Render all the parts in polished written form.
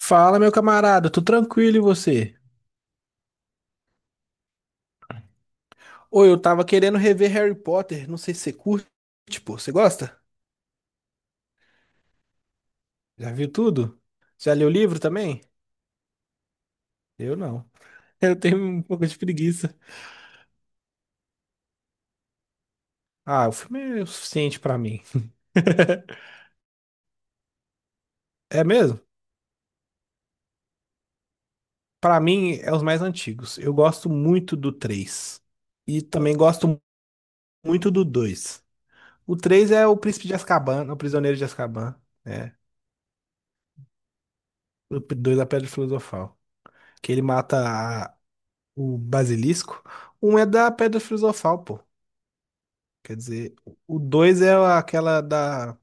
Fala, meu camarada, tô tranquilo e você? Ô, eu tava querendo rever Harry Potter, não sei se você curte, pô, você gosta? Já viu tudo? Já leu o livro também? Eu não. Eu tenho um pouco de preguiça. Ah, o filme é o suficiente pra mim. É mesmo? Pra mim, é os mais antigos. Eu gosto muito do três. E também gosto muito do 2. O 3 é o Príncipe de Azkaban, o Prisioneiro de Azkaban, né? O 2 é a Pedra Filosofal. Que ele mata a o basilisco. Um é da Pedra Filosofal, pô. Quer dizer, o dois é aquela da.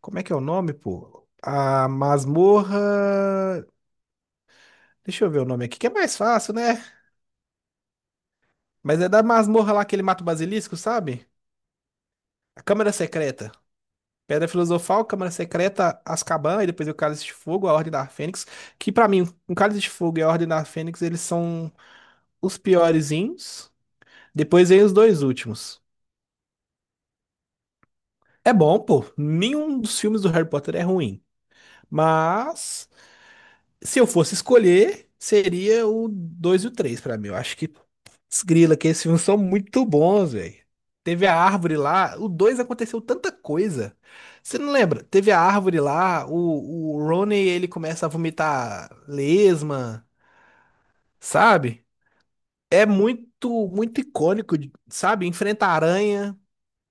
Como é que é o nome, pô? A masmorra. Deixa eu ver o nome aqui, que é mais fácil, né? Mas é da masmorra lá que ele mata o basilisco, sabe? A Câmara Secreta. Pedra Filosofal, Câmara Secreta, Azkaban e depois o Cálice de Fogo, a Ordem da Fênix. Que pra mim, o Cálice de Fogo e a Ordem da Fênix, eles são os piorezinhos. Depois vem os dois últimos. É bom, pô. Nenhum dos filmes do Harry Potter é ruim. Mas se eu fosse escolher, seria o 2 e o 3 pra mim. Eu acho que desgrila que esses filmes são muito bons, velho. Teve a árvore lá, o 2 aconteceu tanta coisa. Você não lembra? Teve a árvore lá, o Ronnie ele começa a vomitar lesma, sabe? É muito, muito icônico, sabe? Enfrenta a aranha,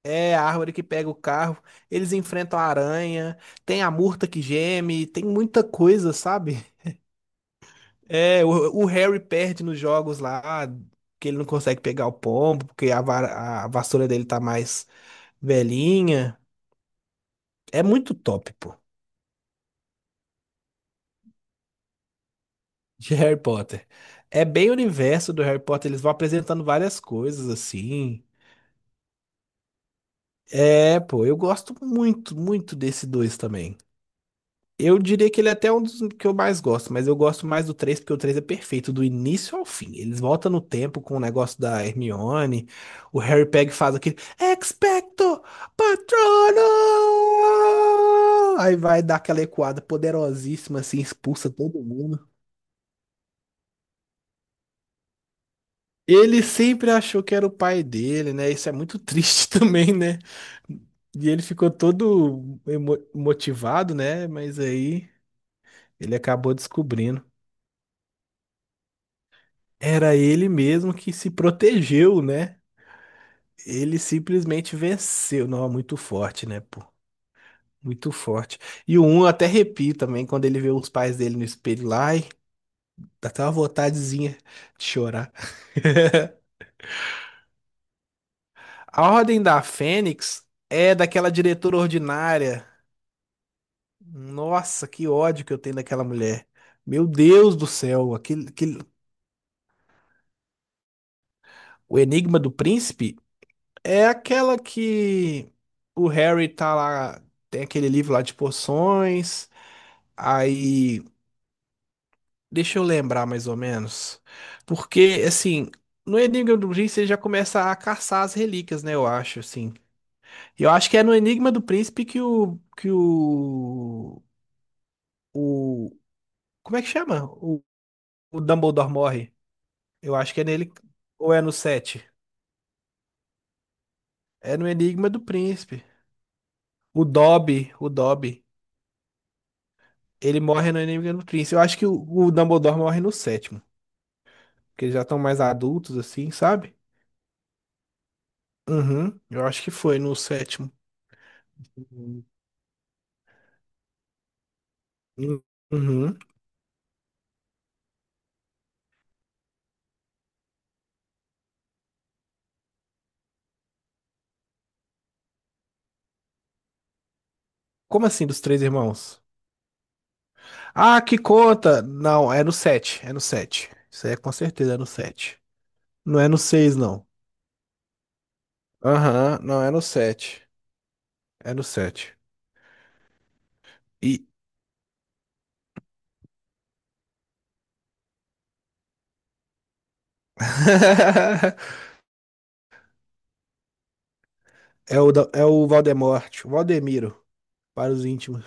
é a árvore que pega o carro, eles enfrentam a aranha, tem a murta que geme, tem muita coisa, sabe? É, o Harry perde nos jogos lá, que ele não consegue pegar o pombo, porque a vassoura dele tá mais velhinha. É muito top, pô, de Harry Potter. É bem o universo do Harry Potter, eles vão apresentando várias coisas assim. É, pô, eu gosto muito, muito desse dois também. Eu diria que ele é até um dos que eu mais gosto, mas eu gosto mais do 3 porque o 3 é perfeito, do início ao fim. Eles voltam no tempo com o negócio da Hermione, o Harry Peg faz aquele Expecto Patronum! Aí vai dar aquela ecoada poderosíssima, assim, expulsa todo mundo. Ele sempre achou que era o pai dele, né? Isso é muito triste também, né? E ele ficou todo motivado, né? Mas aí ele acabou descobrindo. Era ele mesmo que se protegeu, né? Ele simplesmente venceu. Não, é muito forte, né, pô? Muito forte. E o um eu até arrepio também quando ele vê os pais dele no espelho lá. Ai, dá até uma vontadezinha de chorar. A Ordem da Fênix é daquela diretora ordinária. Nossa, que ódio que eu tenho daquela mulher. Meu Deus do céu, aquele... O Enigma do Príncipe é aquela que o Harry tá lá, tem aquele livro lá de poções. Aí, deixa eu lembrar mais ou menos. Porque, assim, no Enigma do Príncipe ele já começa a caçar as relíquias, né? Eu acho, assim. Eu acho que é no Enigma do Príncipe que o. Que o. O. Como é que chama? O Dumbledore morre. Eu acho que é nele. Ou é no 7? É no Enigma do Príncipe. O Dobby, o Dobby. Ele morre no Enemy no Prince. Eu acho que o Dumbledore morre no sétimo. Porque eles já estão mais adultos, assim, sabe? Uhum. Eu acho que foi no sétimo. Uhum. Uhum. Como assim, dos três irmãos? Ah, que conta! Não, é no sete. É no sete. Isso aí é com certeza, é no sete. Não é no seis, não. Aham, não, é no sete. É no sete. E... É o o Valdemort. O Valdemiro, para os íntimos.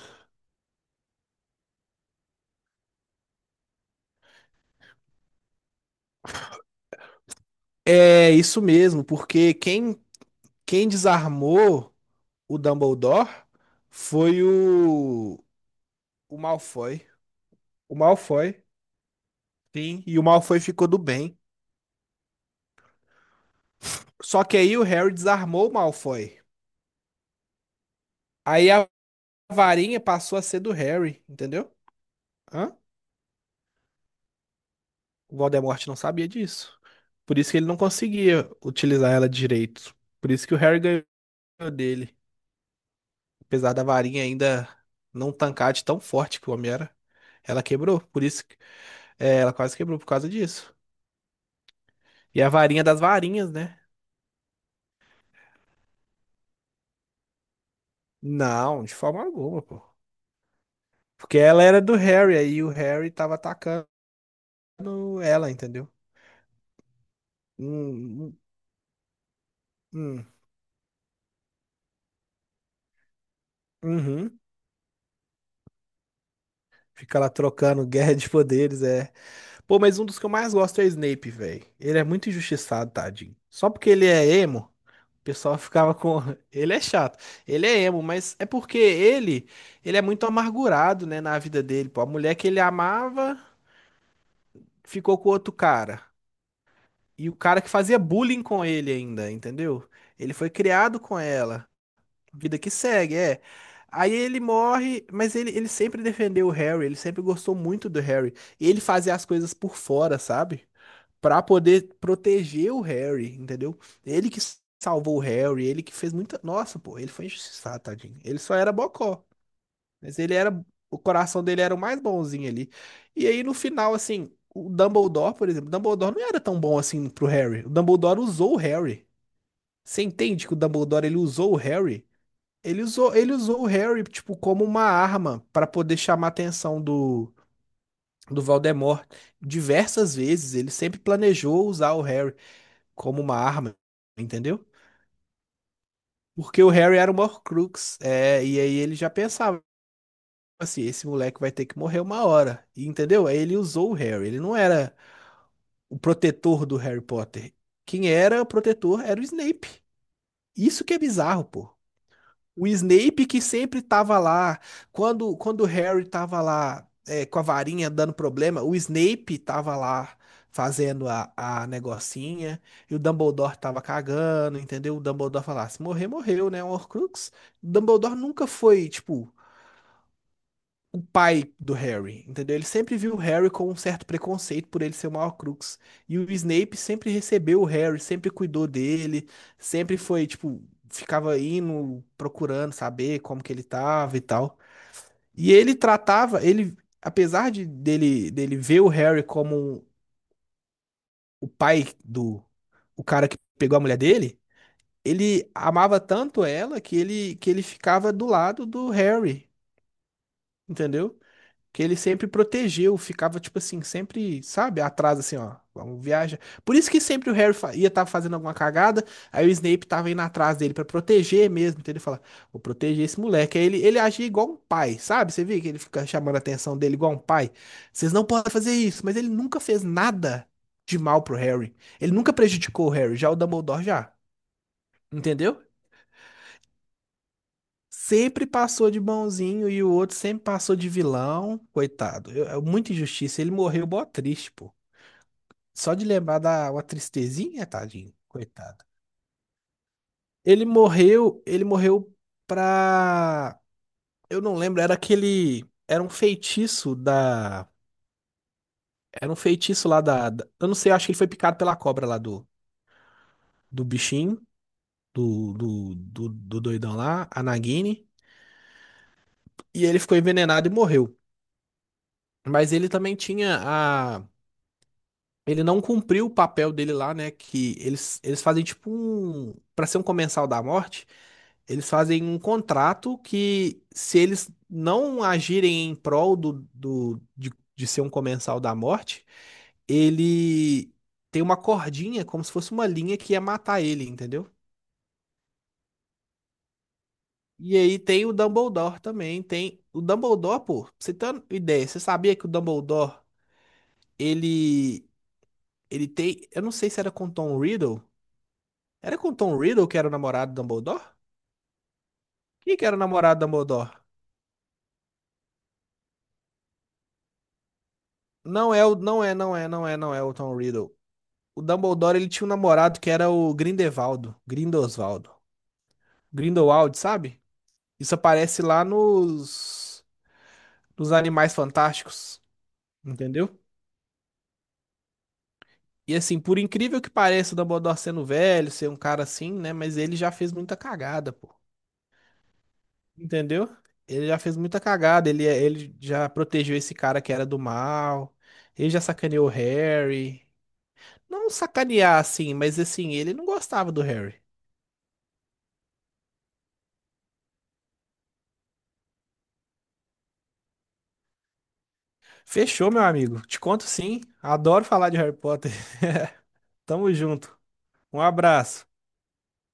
É isso mesmo, porque quem desarmou o Dumbledore foi o Malfoy. O Malfoy, sim, e o Malfoy ficou do bem. Só que aí o Harry desarmou o Malfoy. Aí a varinha passou a ser do Harry, entendeu? Hã? O Voldemort não sabia disso. Por isso que ele não conseguia utilizar ela direito. Por isso que o Harry ganhou dele. Apesar da varinha ainda não tancar de tão forte que o homem era. Ela quebrou, por isso que é, ela quase quebrou por causa disso. E a varinha das varinhas, né? Não, de forma alguma, pô. Porque ela era do Harry, aí o Harry tava atacando ela, entendeu? Hum, hum, hum. Uhum. Fica lá trocando guerra de poderes, é. Pô, mas um dos que eu mais gosto é o Snape, velho. Ele é muito injustiçado, tadinho. Só porque ele é emo, o pessoal ficava com. Ele é chato. Ele é emo, mas é porque ele é muito amargurado, né, na vida dele, pô. A mulher que ele amava ficou com outro cara. E o cara que fazia bullying com ele ainda, entendeu? Ele foi criado com ela. Vida que segue, é. Aí ele morre, mas ele sempre defendeu o Harry, ele sempre gostou muito do Harry. E ele fazia as coisas por fora, sabe? Pra poder proteger o Harry, entendeu? Ele que salvou o Harry, ele que fez muita. Nossa, pô, ele foi injustiçado, tadinho. Ele só era bocó. Mas ele era, o coração dele era o mais bonzinho ali. E aí no final, assim, o Dumbledore, por exemplo, o Dumbledore não era tão bom assim pro Harry. O Dumbledore usou o Harry. Você entende que o Dumbledore ele usou o Harry? Ele usou o Harry tipo como uma arma pra poder chamar a atenção do Voldemort. Diversas vezes ele sempre planejou usar o Harry como uma arma, entendeu? Porque o Harry era o Horcrux, é, e aí ele já pensava tipo assim, esse moleque vai ter que morrer uma hora. E, entendeu? Aí ele usou o Harry. Ele não era o protetor do Harry Potter. Quem era o protetor era o Snape. Isso que é bizarro, pô. O Snape que sempre tava lá. Quando o Harry tava lá é, com a varinha dando problema, o Snape tava lá fazendo a negocinha. E o Dumbledore tava cagando, entendeu? O Dumbledore falava, se morrer, morreu, né? Um Horcrux. O Dumbledore nunca foi, tipo o pai do Harry, entendeu? Ele sempre viu o Harry com um certo preconceito por ele ser o Horcrux. E o Snape sempre recebeu o Harry, sempre cuidou dele, sempre foi, tipo, ficava indo, procurando saber como que ele tava e tal. E ele tratava, ele, apesar de dele ver o Harry como o pai do, o cara que pegou a mulher dele, ele amava tanto ela que ele ficava do lado do Harry, entendeu? Que ele sempre protegeu, ficava tipo assim, sempre, sabe, atrás assim, ó, vamos viajar. Por isso que sempre o Harry ia estar fazendo alguma cagada, aí o Snape tava indo atrás dele pra proteger mesmo, então ele fala, vou proteger esse moleque. Aí ele agia igual um pai, sabe? Você vê que ele fica chamando a atenção dele igual um pai. Vocês não podem fazer isso, mas ele nunca fez nada de mal pro Harry. Ele nunca prejudicou o Harry, já o Dumbledore já, entendeu? Sempre passou de bonzinho e o outro sempre passou de vilão. Coitado, é muita injustiça. Ele morreu mó triste, pô. Só de lembrar da uma tristezinha, tadinho. Coitado. Ele morreu pra. Eu não lembro, era aquele. Era um feitiço da. Era um feitiço lá da. Eu não sei, eu acho que ele foi picado pela cobra lá do bichinho, do doidão lá, a Nagini. E ele ficou envenenado e morreu. Mas ele também tinha a. Ele não cumpriu o papel dele lá, né? Que eles fazem tipo um. Pra ser um comensal da morte, eles fazem um contrato que, se eles não agirem em prol de ser um comensal da morte, ele tem uma cordinha, como se fosse uma linha que ia matar ele, entendeu? E aí tem o Dumbledore também, tem o Dumbledore, pô, pra você ter uma ideia, você sabia que o Dumbledore, ele ele tem, eu não sei se era com Tom Riddle, era com o Tom Riddle que era o namorado do Dumbledore? Quem que era o namorado do Dumbledore? Não é o, não é, não é, não é, não é o Tom Riddle. O Dumbledore, ele tinha um namorado que era o Grindelwaldo, Grindosvaldo. Grindelwald, sabe? Isso aparece lá nos Animais Fantásticos, entendeu? E assim, por incrível que pareça o Dumbledore sendo velho, ser um cara assim, né, mas ele já fez muita cagada, pô. Entendeu? Ele já fez muita cagada, ele é, ele já protegeu esse cara que era do mal. Ele já sacaneou o Harry. Não sacanear assim, mas assim, ele não gostava do Harry. Fechou, meu amigo. Te conto sim. Adoro falar de Harry Potter. Tamo junto. Um abraço.